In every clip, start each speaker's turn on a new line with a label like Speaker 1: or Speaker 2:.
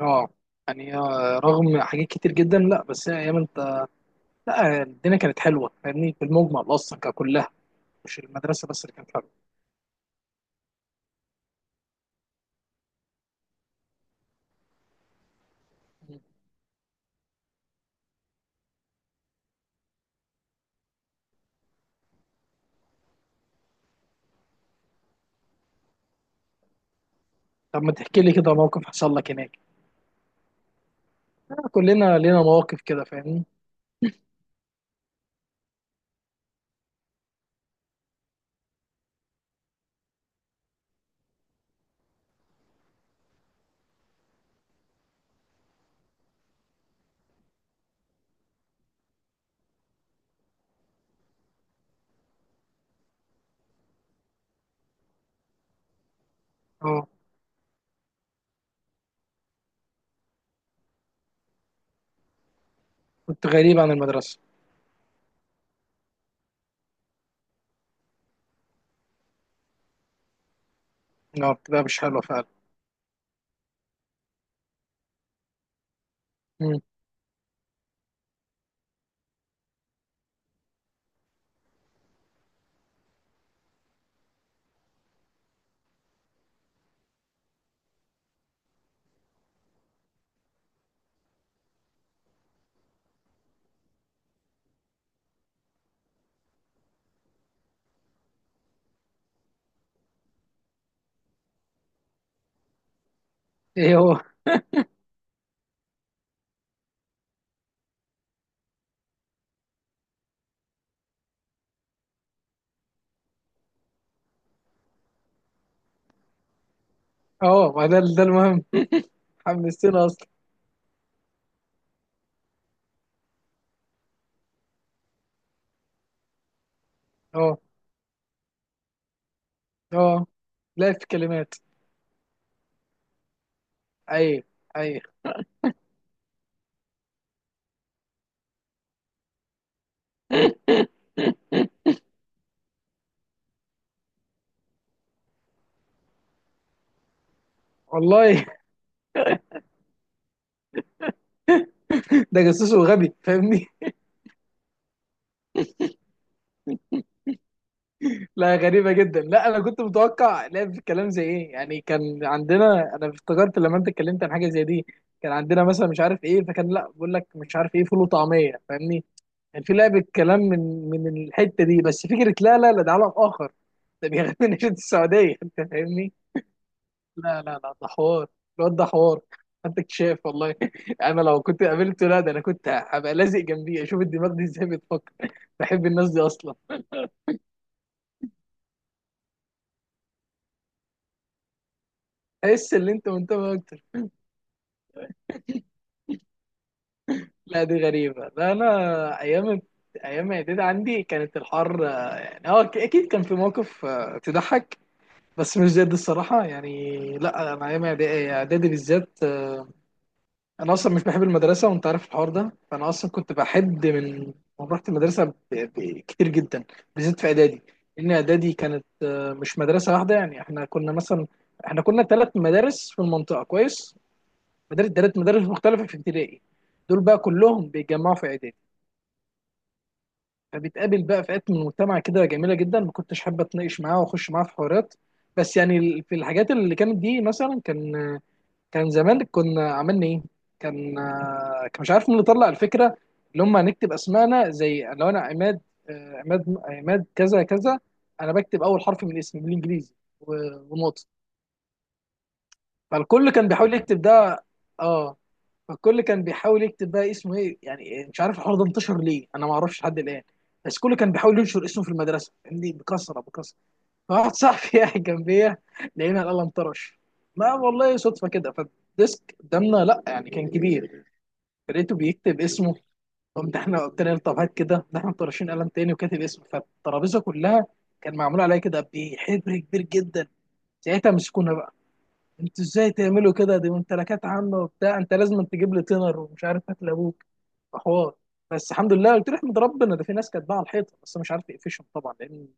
Speaker 1: اه، يعني رغم حاجات كتير جدا. لا، بس هي ايام انت. لا، الدنيا كانت حلوه، فاهمني؟ في المجمل اصلا ككلها، مش المدرسه بس اللي كانت حلوه. مم. طب ما تحكي لي كده موقف حصل لك هناك. كلنا لينا مواقف كده، فاهمني. اه، كنت غريب عن المدرسه. اه، بتبقى مش حلوه فعلا. مم. ايه هو؟ اه، ما ده ده المهم. حمستنا اصلا. اه اه، لا في كلمات. ايوه ايوه. والله. ده جاسوس وغبي، فاهمني؟ لا غريبة جدا. لا، أنا كنت متوقع لا في الكلام زي إيه يعني. كان عندنا، أنا افتكرت لما أنت اتكلمت عن حاجة زي دي، كان عندنا مثلا مش عارف إيه. فكان، لا، بقول لك مش عارف إيه، فول وطعمية، فاهمني؟ كان في لعبة كلام من الحتة دي بس. فكرة لا لا لا، ده عالم آخر. ده بيغني نشيد السعودية، أنت فاهمني؟ لا لا لا، ده حوار. الواد ده حوار. أنت اكتشاف والله. أنا لو كنت قابلته، لا ده أنا كنت هبقى لازق جنبيه أشوف الدماغ دي إزاي بتفكر. بحب الناس دي أصلا. تحس ان انت منتمي؟ لا دي غريبة. لا أنا أيام، أيام إعدادي عندي كانت الحر، يعني هو أكيد كان في مواقف تضحك، بس مش زي دي الصراحة يعني. لا أنا أيام إعدادي، إعدادي بالذات، أنا أصلا مش بحب المدرسة، وأنت عارف الحوار ده، فأنا أصلا كنت بحد من، من رحت المدرسة كتير جدا، بالذات في إعدادي. لأن إعدادي كانت مش مدرسة واحدة يعني. إحنا كنا مثلا، إحنا كنا ثلاث مدارس في المنطقة، كويس؟ مدارس، ثلاث مدارس مختلفة في ابتدائي، دول بقى كلهم بيتجمعوا في إعدادي. فبتقابل بقى فئات من المجتمع كده جميله جدا، ما كنتش حابه اتناقش معاها واخش معاها في حوارات. بس يعني في الحاجات اللي كانت دي مثلا، كان، كان زمان كنا عملنا ايه؟ كان، كان مش عارف مين اللي طلع الفكره، اللي هم هنكتب اسمائنا. زي لو انا عماد، عماد، عماد كذا كذا، انا بكتب اول حرف من الاسم بالانجليزي ونقطه. فالكل كان بيحاول يكتب ده. اه، فالكل كان بيحاول يكتب بقى اسمه. ايه يعني مش عارف الحوار ده انتشر ليه، انا ما اعرفش لحد الان. بس كله كان بيحاول ينشر اسمه في المدرسه، فاهمني، بكثره بكثره. فواحد صاحبي قاعد جنبيا، لقينا القلم طرش. لا والله صدفه كده، فالديسك قدامنا، لا يعني كان كبير. لقيته بيكتب اسمه. قمت احنا قلت له طب هات كده، ده احنا مطرشين قلم تاني، وكاتب اسمه فالترابيزه كلها. كان معمول عليها كده بحبر كبير جدا. ساعتها مسكونا بقى. انتوا ازاي تعملوا كده، دي ممتلكات عامه وبتاع، انت لازم تجيب لي تينر ومش عارف، هات لابوك، حوار. بس الحمد لله. قلت له احمد ربنا، ده في ناس كانت باعه الحيطه بس مش عارف يقفشهم طبعا، لان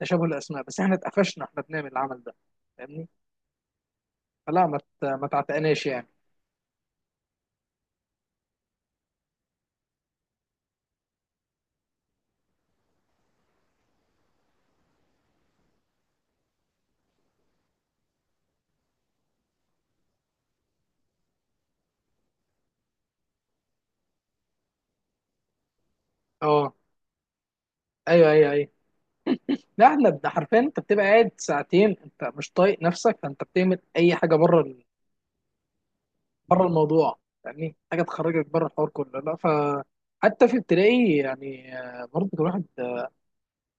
Speaker 1: تشابه الاسماء. بس احنا اتقفشنا احنا بنعمل العمل ده، فاهمني؟ فلا، ما تعتقناش يعني. اه. ايوه ايوه ايوه. لا احنا حرفيا انت بتبقى قاعد ساعتين، انت مش طايق نفسك، فانت بتعمل اي حاجه بره بره الموضوع، فاهمني، حاجه تخرجك بره الحوار كله. لا، ف، حتى في ابتدائي يعني، برضه الواحد،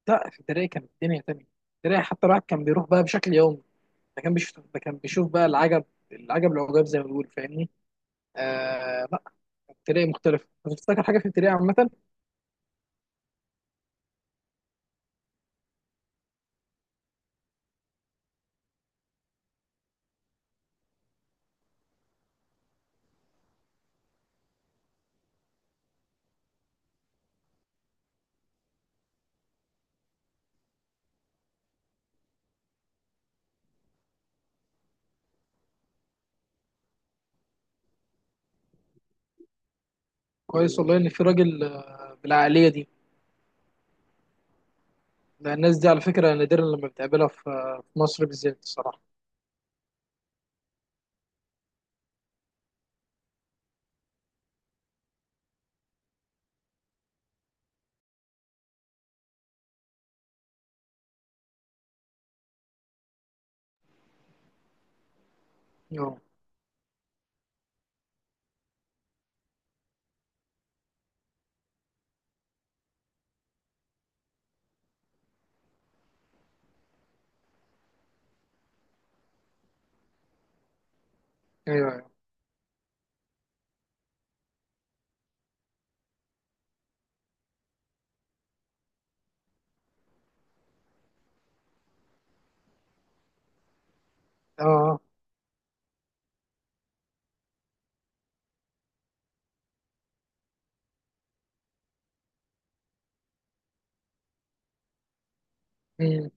Speaker 1: لا، في الدراعي كان الدنيا تانية. الدراعي حتى الواحد كان بيروح بقى بشكل يومي، ده كان بيشوف، ده كان بيشوف بقى العجب، العجب العجاب زي ما بيقول، فاهمني؟ لا، التريقة مختلف. أنا بفتكر حاجة في التريقة عامة. كويس والله إن في راجل بالعقلية دي. لأن الناس دي على فكرة نادرا لما بتقابلها في في مصر بالذات الصراحة. أيوه أيوه أيوه. أه. أمم.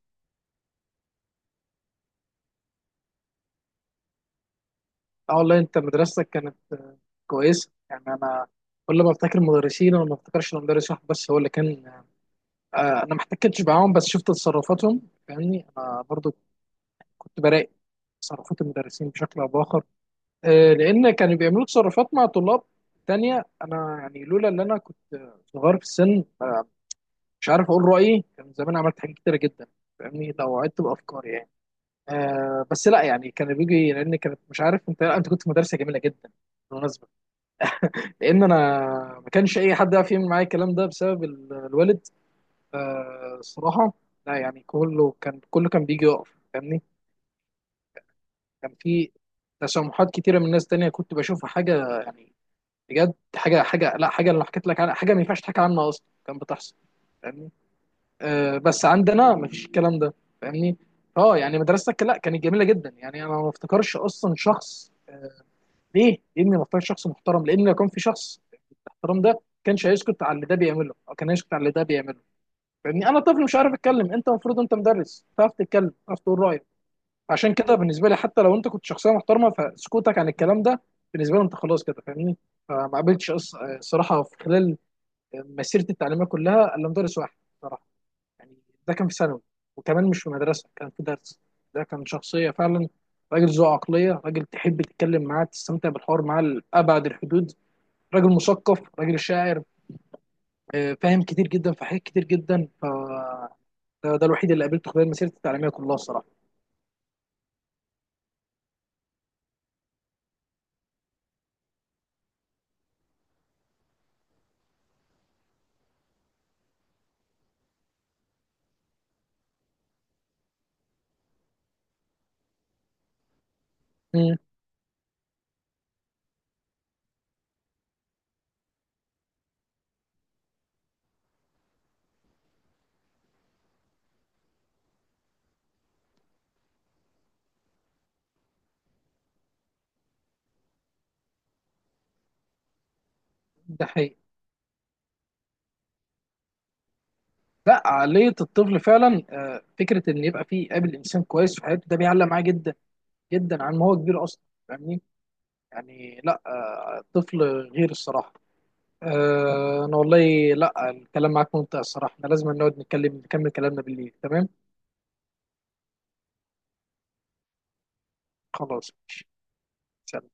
Speaker 1: والله أنت مدرستك كانت كويسة يعني. أنا كل ما أفتكر مدرسين أنا ما أفتكرش إن مدرس واحد بس هو اللي كان، انا ما احتكتش معاهم، بس شفت تصرفاتهم، فاهمني. انا برضو كنت براقب تصرفات المدرسين بشكل او باخر. لان كانوا بيعملوا تصرفات مع طلاب تانية، انا يعني لولا ان انا كنت صغير في السن، مش عارف اقول رايي، كان زمان عملت حاجات كتيره جدا، فاهمني، لو عدت بافكاري يعني. بس لا يعني كان بيجي، لان كانت مش عارف، انت انت كنت في مدرسه جميله جدا بالمناسبه. لان انا ما كانش اي حد يعرف يعمل معايا الكلام ده بسبب الوالد، الصراحة. لا يعني كله كان، كله كان بيجي يقف، فاهمني. كان في تسامحات كتيرة من ناس تانية كنت بشوفها حاجة يعني، بجد حاجة، حاجة، لا حاجة اللي حكيت لك عنها، حاجة ما ينفعش تحكي عنها أصلا كان بتحصل، فاهمني. بس عندنا ما فيش الكلام ده، فاهمني. اه يعني مدرستك لا كانت جميلة جدا يعني. أنا ما افتكرش أصلا شخص ليه؟ لأني ما افتكرش شخص محترم. لأن لو كان في شخص الاحترام ده، كانش هيسكت على اللي ده بيعمله، أو كان هيسكت على اللي ده بيعمله، فاهمني. انا طفل مش عارف اتكلم، انت المفروض انت مدرس تعرف تتكلم، تعرف تقول رايك. عشان كده بالنسبه لي حتى لو انت كنت شخصيه محترمه، فسكوتك عن الكلام ده بالنسبه لي انت خلاص كده، فاهمني. فما قابلتش، صراحه، في خلال مسيرتي التعليميه كلها الا مدرس واحد صراحه يعني. ده كان في ثانوي، وكمان مش في مدرسه، كان في درس. ده كان شخصيه فعلا. راجل ذو عقليه، راجل تحب تتكلم معاه، تستمتع بالحوار معاه لابعد الحدود. راجل مثقف، راجل شاعر، فاهم كتير جدا في حاجات كتير جدا. ف ده الوحيد اللي قابلته خلال مسيرتي التعليميه كلها الصراحه. امم، ده حقيقي. لا عقليه الطفل فعلا، فكره ان يبقى فيه قابل انسان كويس في حياته، ده بيعلق معاه جدا جدا عن ما هو كبير اصلا، فاهمني يعني. لا الطفل غير الصراحه. انا والله، لا، الكلام معاك ممتع الصراحه. احنا لازم نقعد نتكلم، نكمل كلامنا بالليل، تمام؟ خلاص ماشي. سلام.